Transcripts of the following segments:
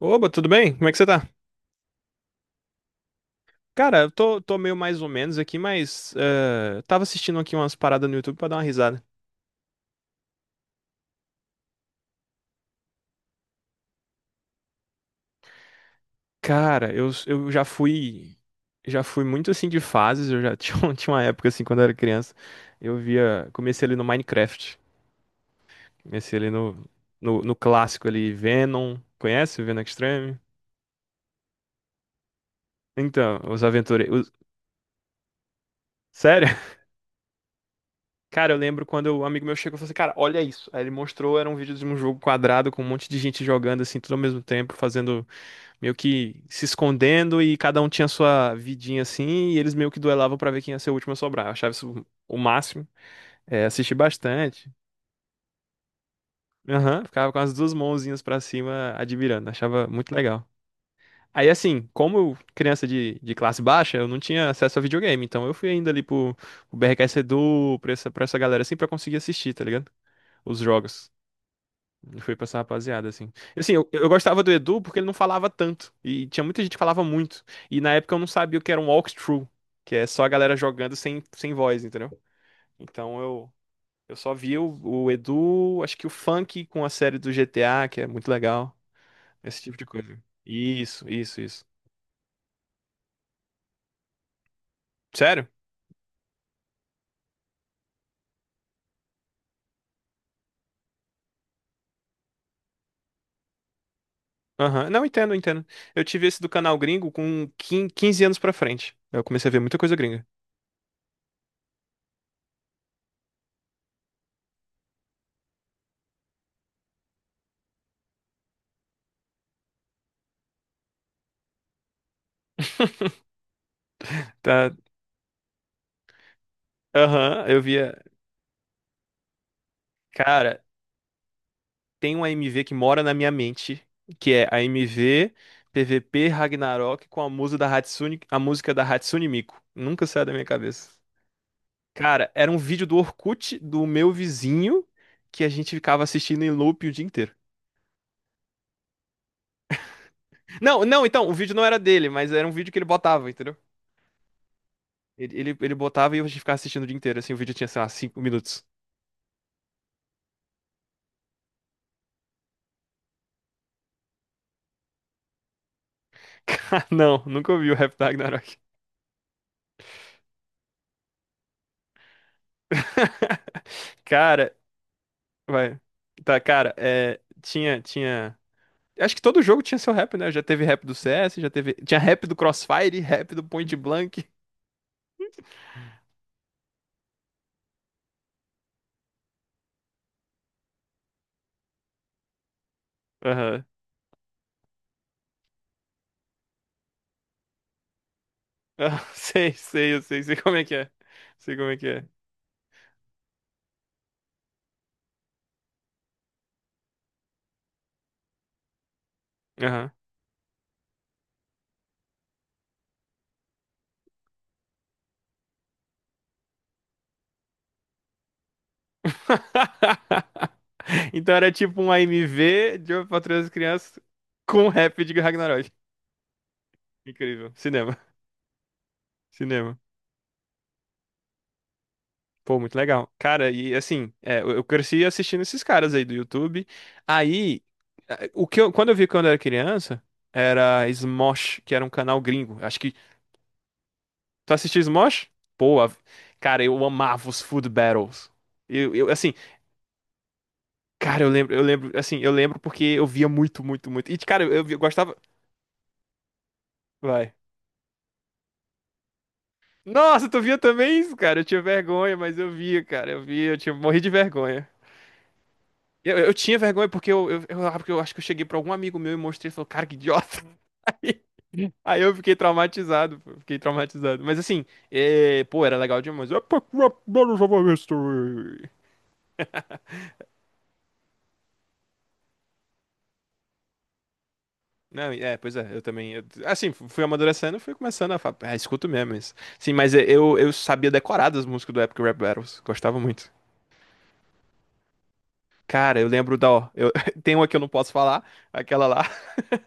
Oba, tudo bem? Como é que você tá? Cara, eu tô meio mais ou menos aqui, mas tava assistindo aqui umas paradas no YouTube pra dar uma risada. Cara, eu já fui muito assim de fases, eu já tinha uma época assim quando eu era criança, eu via, comecei ali no Minecraft, comecei ali no, no, no clássico ali, Venom, conhece o Venom Extreme? Então, os aventureiros, sério? Cara, eu lembro quando um amigo meu chegou e falou assim, cara, olha isso. Aí ele mostrou, era um vídeo de um jogo quadrado com um monte de gente jogando assim, tudo ao mesmo tempo, fazendo meio que se escondendo e cada um tinha sua vidinha assim, e eles meio que duelavam pra ver quem ia ser o último a sobrar. Eu achava isso o máximo. É, assisti bastante. Aham, ficava com as duas mãozinhas pra cima admirando, achava muito legal. Aí assim, como eu, criança de classe baixa, eu não tinha acesso a videogame, então eu fui ainda pro BRKS Edu, pra essa galera assim, pra conseguir assistir, tá ligado? Os jogos. Foi pra essa rapaziada, assim. E, assim, eu gostava do Edu porque ele não falava tanto. E tinha muita gente que falava muito. E na época eu não sabia o que era um walkthrough, que é só a galera jogando sem voz, entendeu? Então eu só via o Edu, acho que o Funk com a série do GTA, que é muito legal. Esse tipo de coisa. Isso, isso, isso. Sério? Aham. Não, entendo, entendo. Eu tive esse do canal gringo com 15 anos pra frente. Eu comecei a ver muita coisa gringa. Tá. Aham, eu via. Cara, tem uma MV que mora na minha mente, que é a MV PVP Ragnarok com a música da Hatsune, a música da Hatsune Miku. Nunca sai da minha cabeça. Cara, era um vídeo do Orkut do meu vizinho que a gente ficava assistindo em loop o dia inteiro. Não, não, então, o vídeo não era dele, mas era um vídeo que ele botava, entendeu? Ele botava e a gente ficava assistindo o dia inteiro, assim, o vídeo tinha, sei lá, 5 minutos. Cara, não, nunca ouvi o rap da Ragnarok. Cara, vai. Tá, cara, é, tinha, tinha. Acho que todo jogo tinha seu rap, né? Já teve rap do CS, já teve. Tinha rap do Crossfire, rap do Point Blank. Aham. Ah, sei, sei, eu sei, sei como é que é. Sei como é que é. Aham. Então era tipo um AMV de Patrulha das Crianças com rap de Ragnarok. Incrível. Cinema. Cinema. Pô, muito legal. Cara, e assim, é, eu cresci assistindo esses caras aí do YouTube. Aí, quando eu vi quando eu era criança, era Smosh, que era um canal gringo. Acho que tu assistiu Smosh? Pô, cara, eu amava os Food Battles. Eu, eu, assim, cara, eu lembro, assim, eu lembro porque eu via muito, muito, muito. E, cara, eu gostava. Vai. Nossa, tu via também isso, cara? Eu tinha vergonha, mas eu via, cara, eu via, eu tinha, morri de vergonha. Eu tinha vergonha porque eu, porque eu acho que eu cheguei pra algum amigo meu e mostrei e falou, cara, que idiota. Aí eu fiquei traumatizado, pô, fiquei traumatizado. Mas assim, é, pô, era legal demais. Não, é, pois é, eu também. Assim, fui amadurecendo, fui começando a falar, ah, escuto mesmo isso. Sim, mas é, eu sabia decorar das músicas do Epic Rap Battles, gostava muito. Cara, eu lembro da, ó, eu, tem uma que eu não posso falar, aquela lá.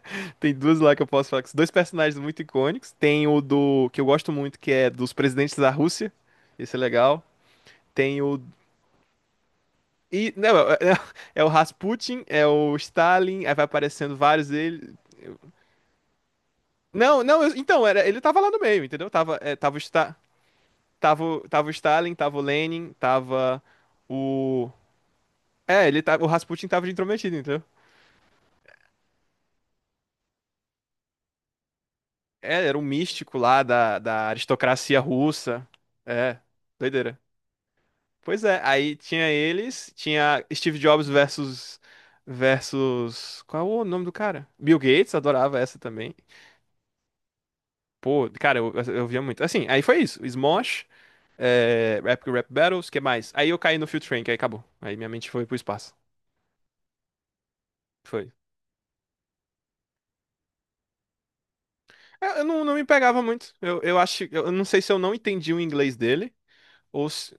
Tem duas lá que eu posso falar, que são dois personagens muito icônicos. Tem o do, que eu gosto muito, que é dos presidentes da Rússia, esse é legal. Tem o, não, é é o Rasputin, é o Stalin, aí vai aparecendo vários dele. Não, não, então, era, ele tava lá no meio, entendeu? Tava, é, tava o Stalin. Tava, tava o Stalin, tava o Lenin, tava o. É, ele tava, o Rasputin tava de intrometido, entendeu? É, era um místico lá da, da aristocracia russa. É, doideira. Pois é, aí tinha eles, tinha Steve Jobs versus qual é o nome do cara? Bill Gates, adorava essa também. Pô, cara, eu via muito. Assim, aí foi isso. Smosh, é, Rap Battles, que mais? Aí eu caí no Field Train, que aí acabou. Aí minha mente foi pro espaço. Foi. É, eu não, não me pegava muito. Eu acho. Eu não sei se eu não entendi o inglês dele ou se.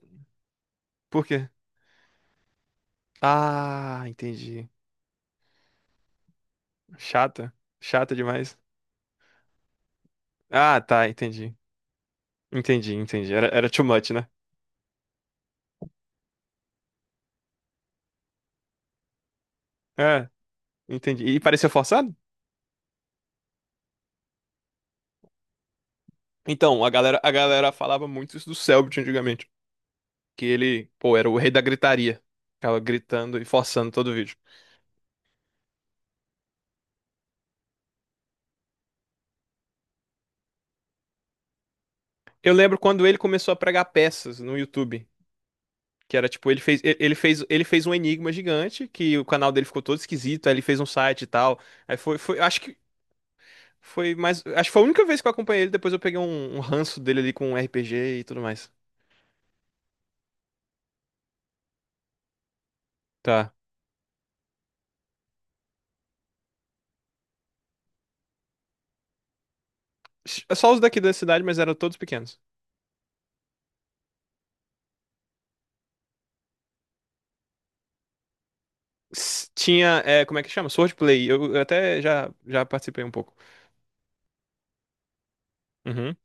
Por quê? Ah, entendi. Chata. Chata demais. Ah, tá, entendi. Entendi, entendi. Era, era too much, né? É, entendi. E parecia forçado? Então, a galera falava muito isso do Selbit antigamente. Que ele, pô, era o rei da gritaria. Ficava gritando e forçando todo o vídeo. Eu lembro quando ele começou a pregar peças no YouTube. Que era tipo, ele fez, e- ele fez um enigma gigante, que o canal dele ficou todo esquisito, aí ele fez um site e tal. Aí foi, acho que foi mais, acho que foi a única vez que eu acompanhei ele, depois eu peguei um ranço dele ali com RPG e tudo mais. Tá. Só os daqui da cidade, mas eram todos pequenos. Tinha, é, como é que chama? Swordplay. Eu até já participei um pouco. Uhum.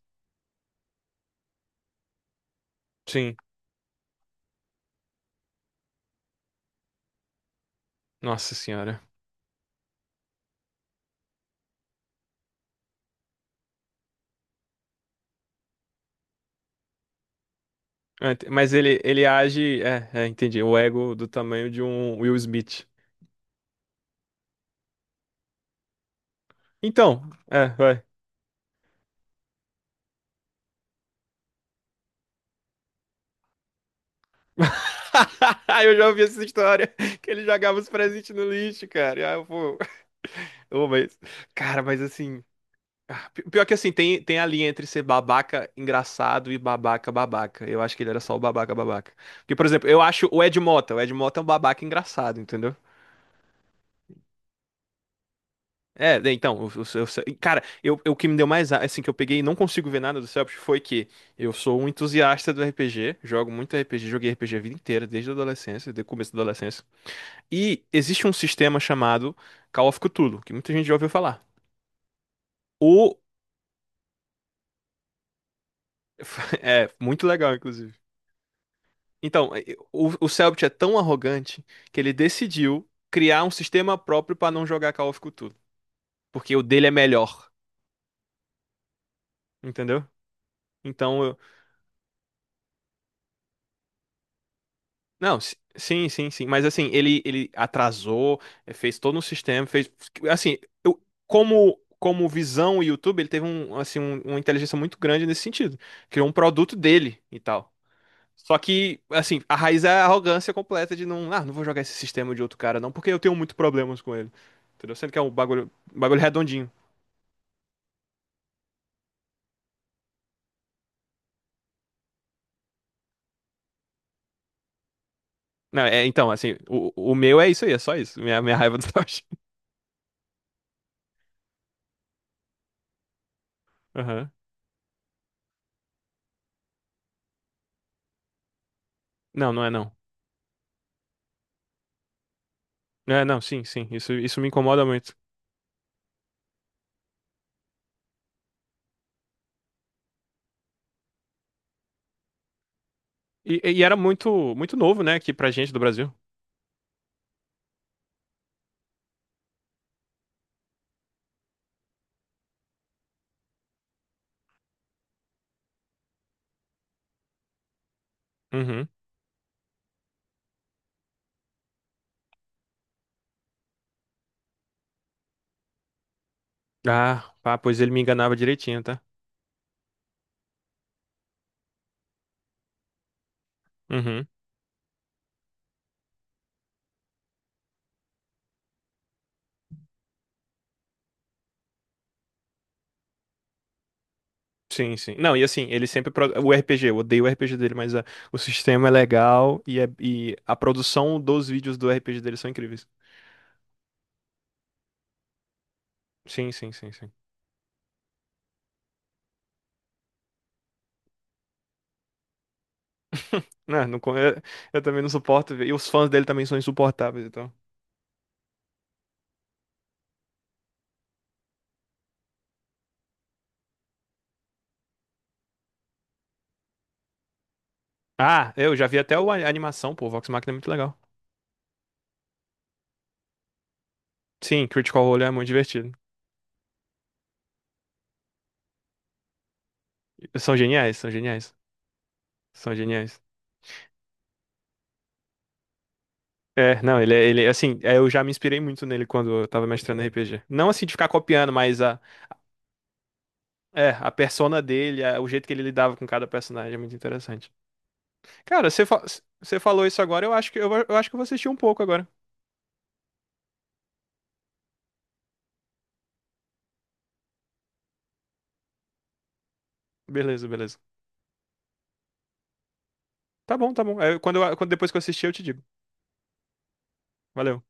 Sim. Nossa senhora. Ah, mas ele age, é, é, entendi, o ego do tamanho de um Will Smith. Então, é, vai. Eu já ouvi essa história, que ele jogava os presentes no lixo, cara. Ah, eu vou. Eu vou isso. Cara, mas assim, ah, pior que assim, tem a linha entre ser babaca engraçado e babaca babaca. Eu acho que ele era só o babaca babaca. Porque, por exemplo, eu acho o Ed Mota. O Ed Mota é um babaca engraçado, entendeu? É, né, então, cara, o que me deu mais, assim, que eu peguei e não consigo ver nada do Celpip foi que eu sou um entusiasta do RPG, jogo muito RPG, joguei RPG a vida inteira, desde a adolescência, desde o começo da adolescência. E existe um sistema chamado Call of Cthulhu, que muita gente já ouviu falar. O... é muito legal, inclusive. Então, o Cellbit é tão arrogante que ele decidiu criar um sistema próprio para não jogar Call of Cthulhu, porque o dele é melhor, entendeu? Então, eu... não, sim, sim, sim, mas assim, ele atrasou, eh, fez todo um sistema, fez assim, eu, como visão o YouTube, ele teve um assim uma inteligência muito grande nesse sentido, criou um produto dele e tal. Só que, assim, a raiz é a arrogância completa de não, ah, não vou jogar esse sistema de outro cara, não, porque eu tenho muito problemas com ele. Entendeu? Sendo que é um bagulho redondinho. Não, é, então, assim, o meu é isso aí, é só isso. Minha raiva do Toshi. Aham. Não, não é não. Não é, não, sim, sim. Isso me incomoda muito. E era muito, muito novo, né, aqui pra gente do Brasil. Uhum. Ah, pá, pois ele me enganava direitinho, tá? Uhum. Sim, sim. Não, e assim, ele sempre. Pro- O RPG, eu odeio o RPG dele, mas o sistema é legal e a produção dos vídeos do RPG dele são incríveis. Sim, sim, sim, sim. Não, eu também não suporto ver. E os fãs dele também são insuportáveis, então. Ah, eu já vi até a animação, pô. O Vox Machina é muito legal. Sim, Critical Role é muito divertido. São geniais, são geniais. São geniais. É, não, ele, é, assim, é, eu já me inspirei muito nele quando eu tava mestrando RPG. Não assim de ficar copiando, mas ah, é, a persona dele, o jeito que ele lidava com cada personagem é muito interessante. Cara, você falou isso agora, eu acho que eu acho que eu vou assistir um pouco agora. Beleza, beleza. Tá bom, tá bom. É, quando depois que eu assistir, eu te digo. Valeu.